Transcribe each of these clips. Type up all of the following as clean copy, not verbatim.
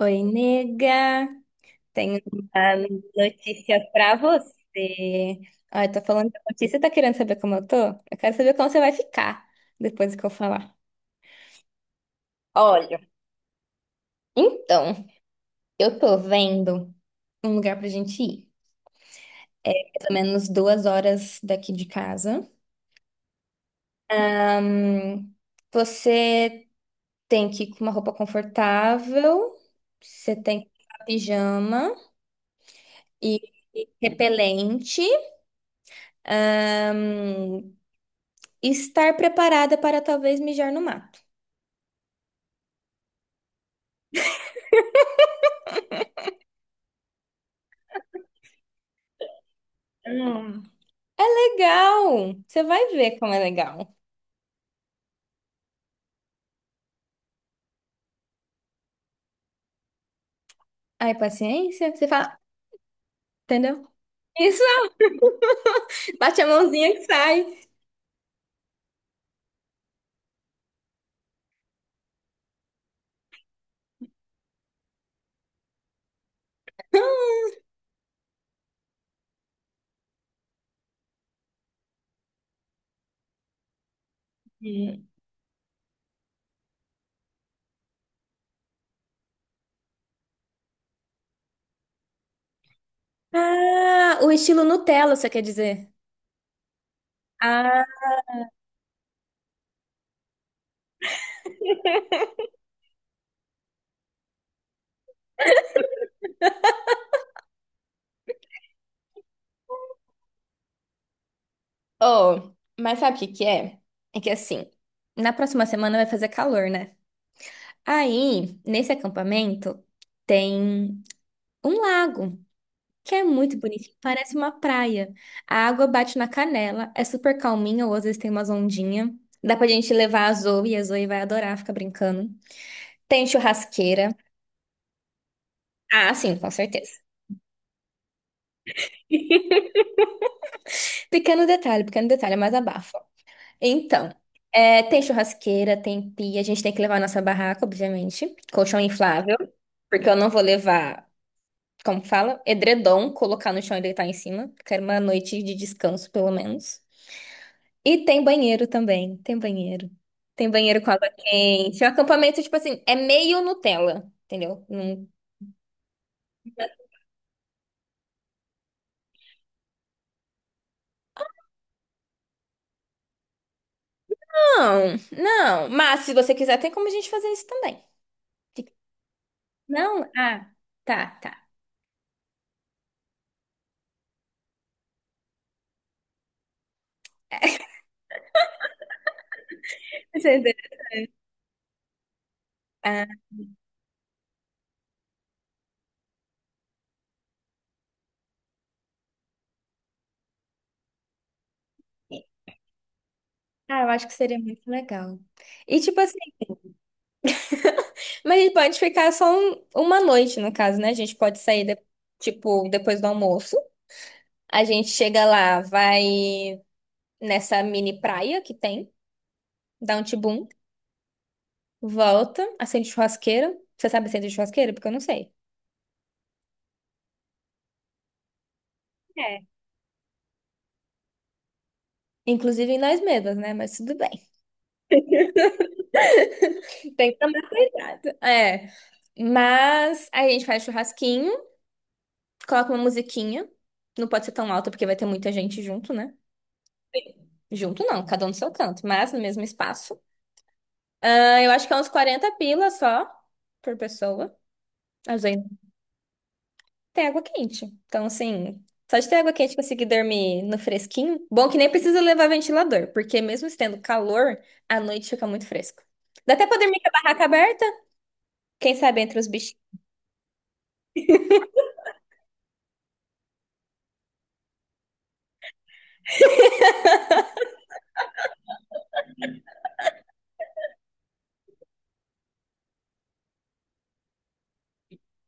Oi, nega. Tenho uma notícia pra você. Ah, eu tô falando da notícia, tá querendo saber como eu tô? Eu quero saber como você vai ficar depois que eu falar. Olha, então, eu tô vendo um lugar pra gente ir. Pelo menos 2 horas daqui de casa. Ahn, você tem que ir com uma roupa confortável, você tem que ir com pijama e repelente. Ahn, Estar preparada para talvez mijar no mato. Hum. Legal! Você vai ver como é legal. Aí, paciência, você fala, entendeu? Isso, bate a mãozinha que sai. E- Ah, o estilo Nutella, você quer dizer? Ah, oh, mas sabe o que que é? É que assim, na próxima semana vai fazer calor, né? Aí, nesse acampamento, tem um lago, que é muito bonitinho, parece uma praia. A água bate na canela, é super calminha, ou às vezes tem umas ondinhas. Dá pra gente levar a Zoe, e a Zoe vai adorar ficar brincando. Tem churrasqueira. Ah, sim, com certeza. Pequeno detalhe, mas abafa. Então, é, tem churrasqueira, tem pia, a gente tem que levar a nossa barraca, obviamente. Colchão inflável, porque eu não vou levar, como fala, edredom, colocar no chão e deitar em cima. Quero uma noite de descanso, pelo menos. E tem banheiro também, tem banheiro. Tem banheiro com água quente. O acampamento, tipo assim, é meio Nutella, entendeu? Não, não, não. Mas se você quiser, tem como a gente fazer isso também. Fica- Não? Ah, tá, tá. Entendeu? Ah, ah, eu acho que seria muito legal. E tipo assim, mas a gente pode ficar só uma noite, no caso, né? A gente pode sair, tipo, depois do almoço. A gente chega lá, vai nessa mini praia que tem, dá um tibum, volta, acende churrasqueira. Você sabe acender churrasqueira? Porque eu não sei. É, inclusive em nós mesmas, né? Mas tudo bem. Tem que tomar cuidado. É. Mas aí a gente faz churrasquinho, coloca uma musiquinha. Não pode ser tão alta porque vai ter muita gente junto, né? Junto não, cada um no seu canto, mas no mesmo espaço. Ah, eu acho que é uns 40 pila só por pessoa. Tem água quente. Então, assim, só de ter água quente e conseguir dormir no fresquinho. Bom que nem precisa levar ventilador, porque mesmo estando calor, à noite fica muito fresco. Dá até pra dormir com a barraca aberta, quem sabe entre os bichinhos.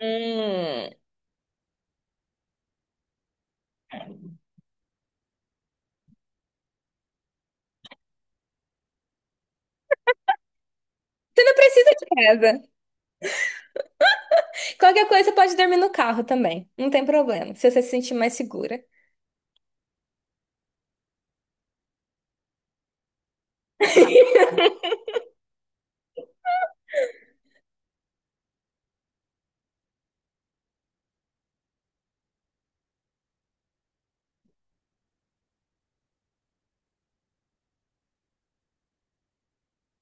Hum. Você não precisa de casa. Qualquer coisa, você pode dormir no carro também. Não tem problema, se você se sentir mais segura.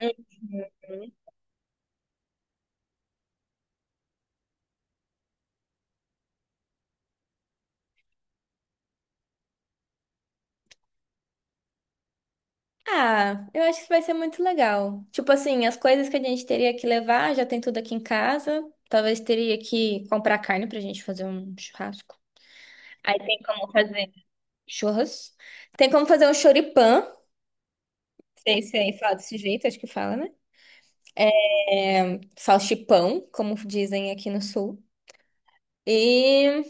Uhum. Ah, eu acho que vai ser muito legal. Tipo assim, as coisas que a gente teria que levar, já tem tudo aqui em casa. Talvez teria que comprar carne pra gente fazer um churrasco. Aí tem como fazer churros. Tem como fazer um choripã. Sei se aí fala desse jeito, acho que fala, né? É, salchipão, como dizem aqui no sul. E,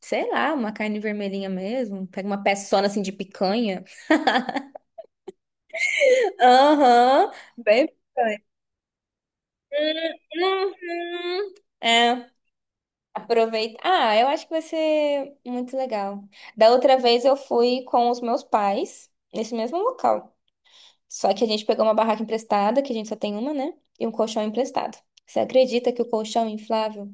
sei lá, uma carne vermelhinha mesmo. Pega uma peçona assim de picanha. Aham, bem picanha. Uhum. É, aproveita. Ah, eu acho que vai ser muito legal. Da outra vez eu fui com os meus pais, nesse mesmo local. Só que a gente pegou uma barraca emprestada, que a gente só tem uma, né? E um colchão emprestado. Você acredita que o colchão inflável,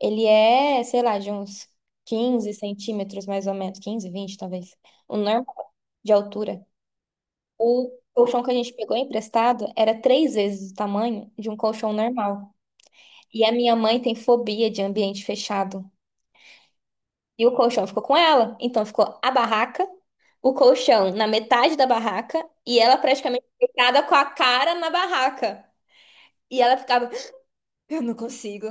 ele é, sei lá, de uns 15 centímetros, mais ou menos, 15, 20 talvez, o normal de altura. O colchão que a gente pegou emprestado era 3 vezes o tamanho de um colchão normal. E a minha mãe tem fobia de ambiente fechado. E o colchão ficou com ela. Então ficou a barraca, o colchão na metade da barraca e ela praticamente deitada com a cara na barraca. E ela ficava, eu não consigo,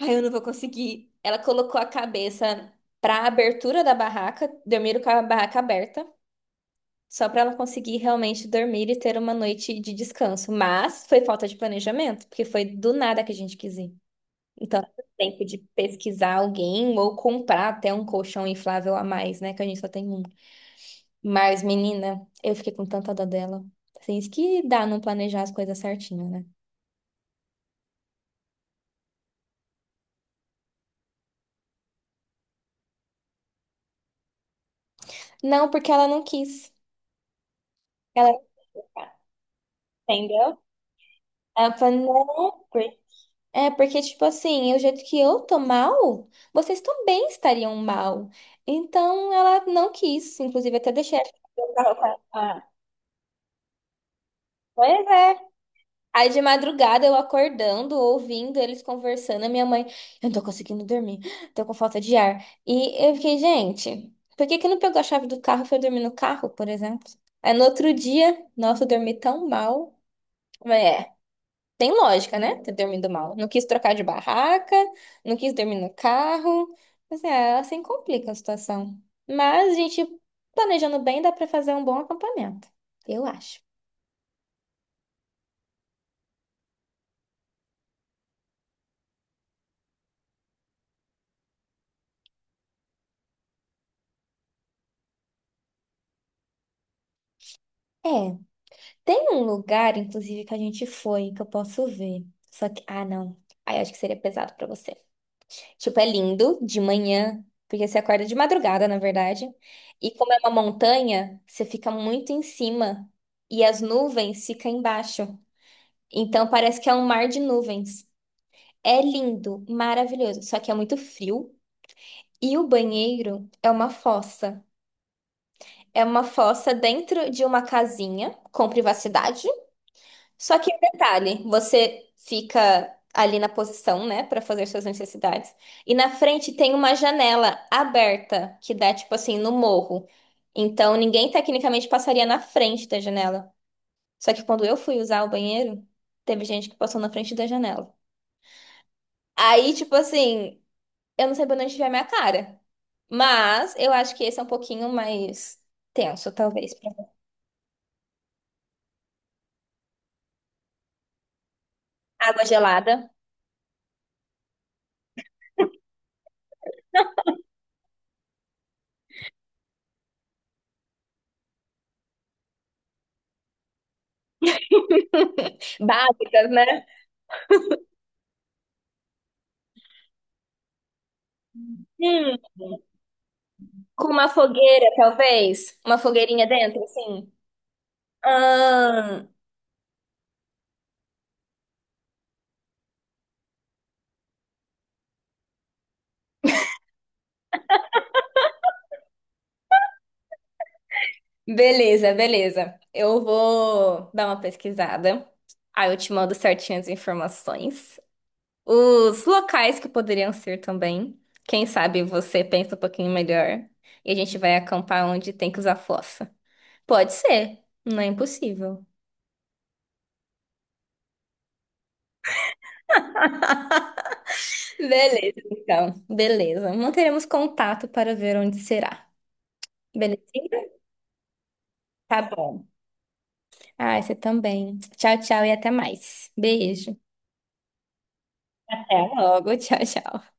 ai, eu não vou conseguir. Ela colocou a cabeça para a abertura da barraca, dormiram com a barraca aberta, só para ela conseguir realmente dormir e ter uma noite de descanso. Mas foi falta de planejamento, porque foi do nada que a gente quis ir. Então, não teve tempo de pesquisar alguém ou comprar até um colchão inflável a mais, né? Que a gente só tem um. Mas, menina, eu fiquei com tanta dó dela. Assim, isso que dá não planejar as coisas certinho, né? Não, porque ela não quis. Ela, entendeu? Aí eu falei, não. É, porque, tipo assim, o jeito que eu tô mal, vocês também estariam mal. Então, ela não quis. Inclusive, até deixei ela. Ah, pois é. Aí, de madrugada, eu acordando, ouvindo eles conversando, a minha mãe, eu não tô conseguindo dormir, tô com falta de ar. E eu fiquei, gente, por que que não pegou a chave do carro e foi dormir no carro, por exemplo? Aí, no outro dia, nossa, eu dormi tão mal. É. Tem lógica, né? Ter dormido mal. Não quis trocar de barraca, não quis dormir no carro. Assim, é, assim complica a situação. Mas a gente, planejando bem, dá pra fazer um bom acampamento. Eu acho. É. Tem um lugar, inclusive, que a gente foi, que eu posso ver. Só que, ah, não. Aí eu acho que seria pesado pra você. Tipo, é lindo de manhã, porque você acorda de madrugada, na verdade. E como é uma montanha, você fica muito em cima. E as nuvens ficam embaixo. Então parece que é um mar de nuvens. É lindo, maravilhoso, só que é muito frio. E o banheiro é uma fossa. É uma fossa dentro de uma casinha com privacidade. Só que detalhe, você fica ali na posição, né, para fazer suas necessidades. E na frente tem uma janela aberta que dá tipo assim no morro. Então ninguém tecnicamente passaria na frente da janela. Só que quando eu fui usar o banheiro, teve gente que passou na frente da janela. Aí, tipo assim, eu não sei pra onde tiver minha cara. Mas eu acho que esse é um pouquinho mais tenso, talvez. Água gelada. Básicas, né? Hum, com uma fogueira, talvez. Uma fogueirinha dentro, assim. Ahn, beleza, beleza. Eu vou dar uma pesquisada. Aí eu te mando certinho as informações. Os locais que poderiam ser também. Quem sabe você pensa um pouquinho melhor. E a gente vai acampar onde tem que usar fossa. Pode ser, não é impossível. Beleza, então. Beleza. Manteremos contato para ver onde será. Belezinha? Tá bom. Ah, você também. Tchau, tchau e até mais. Beijo. Até logo. Tchau, tchau.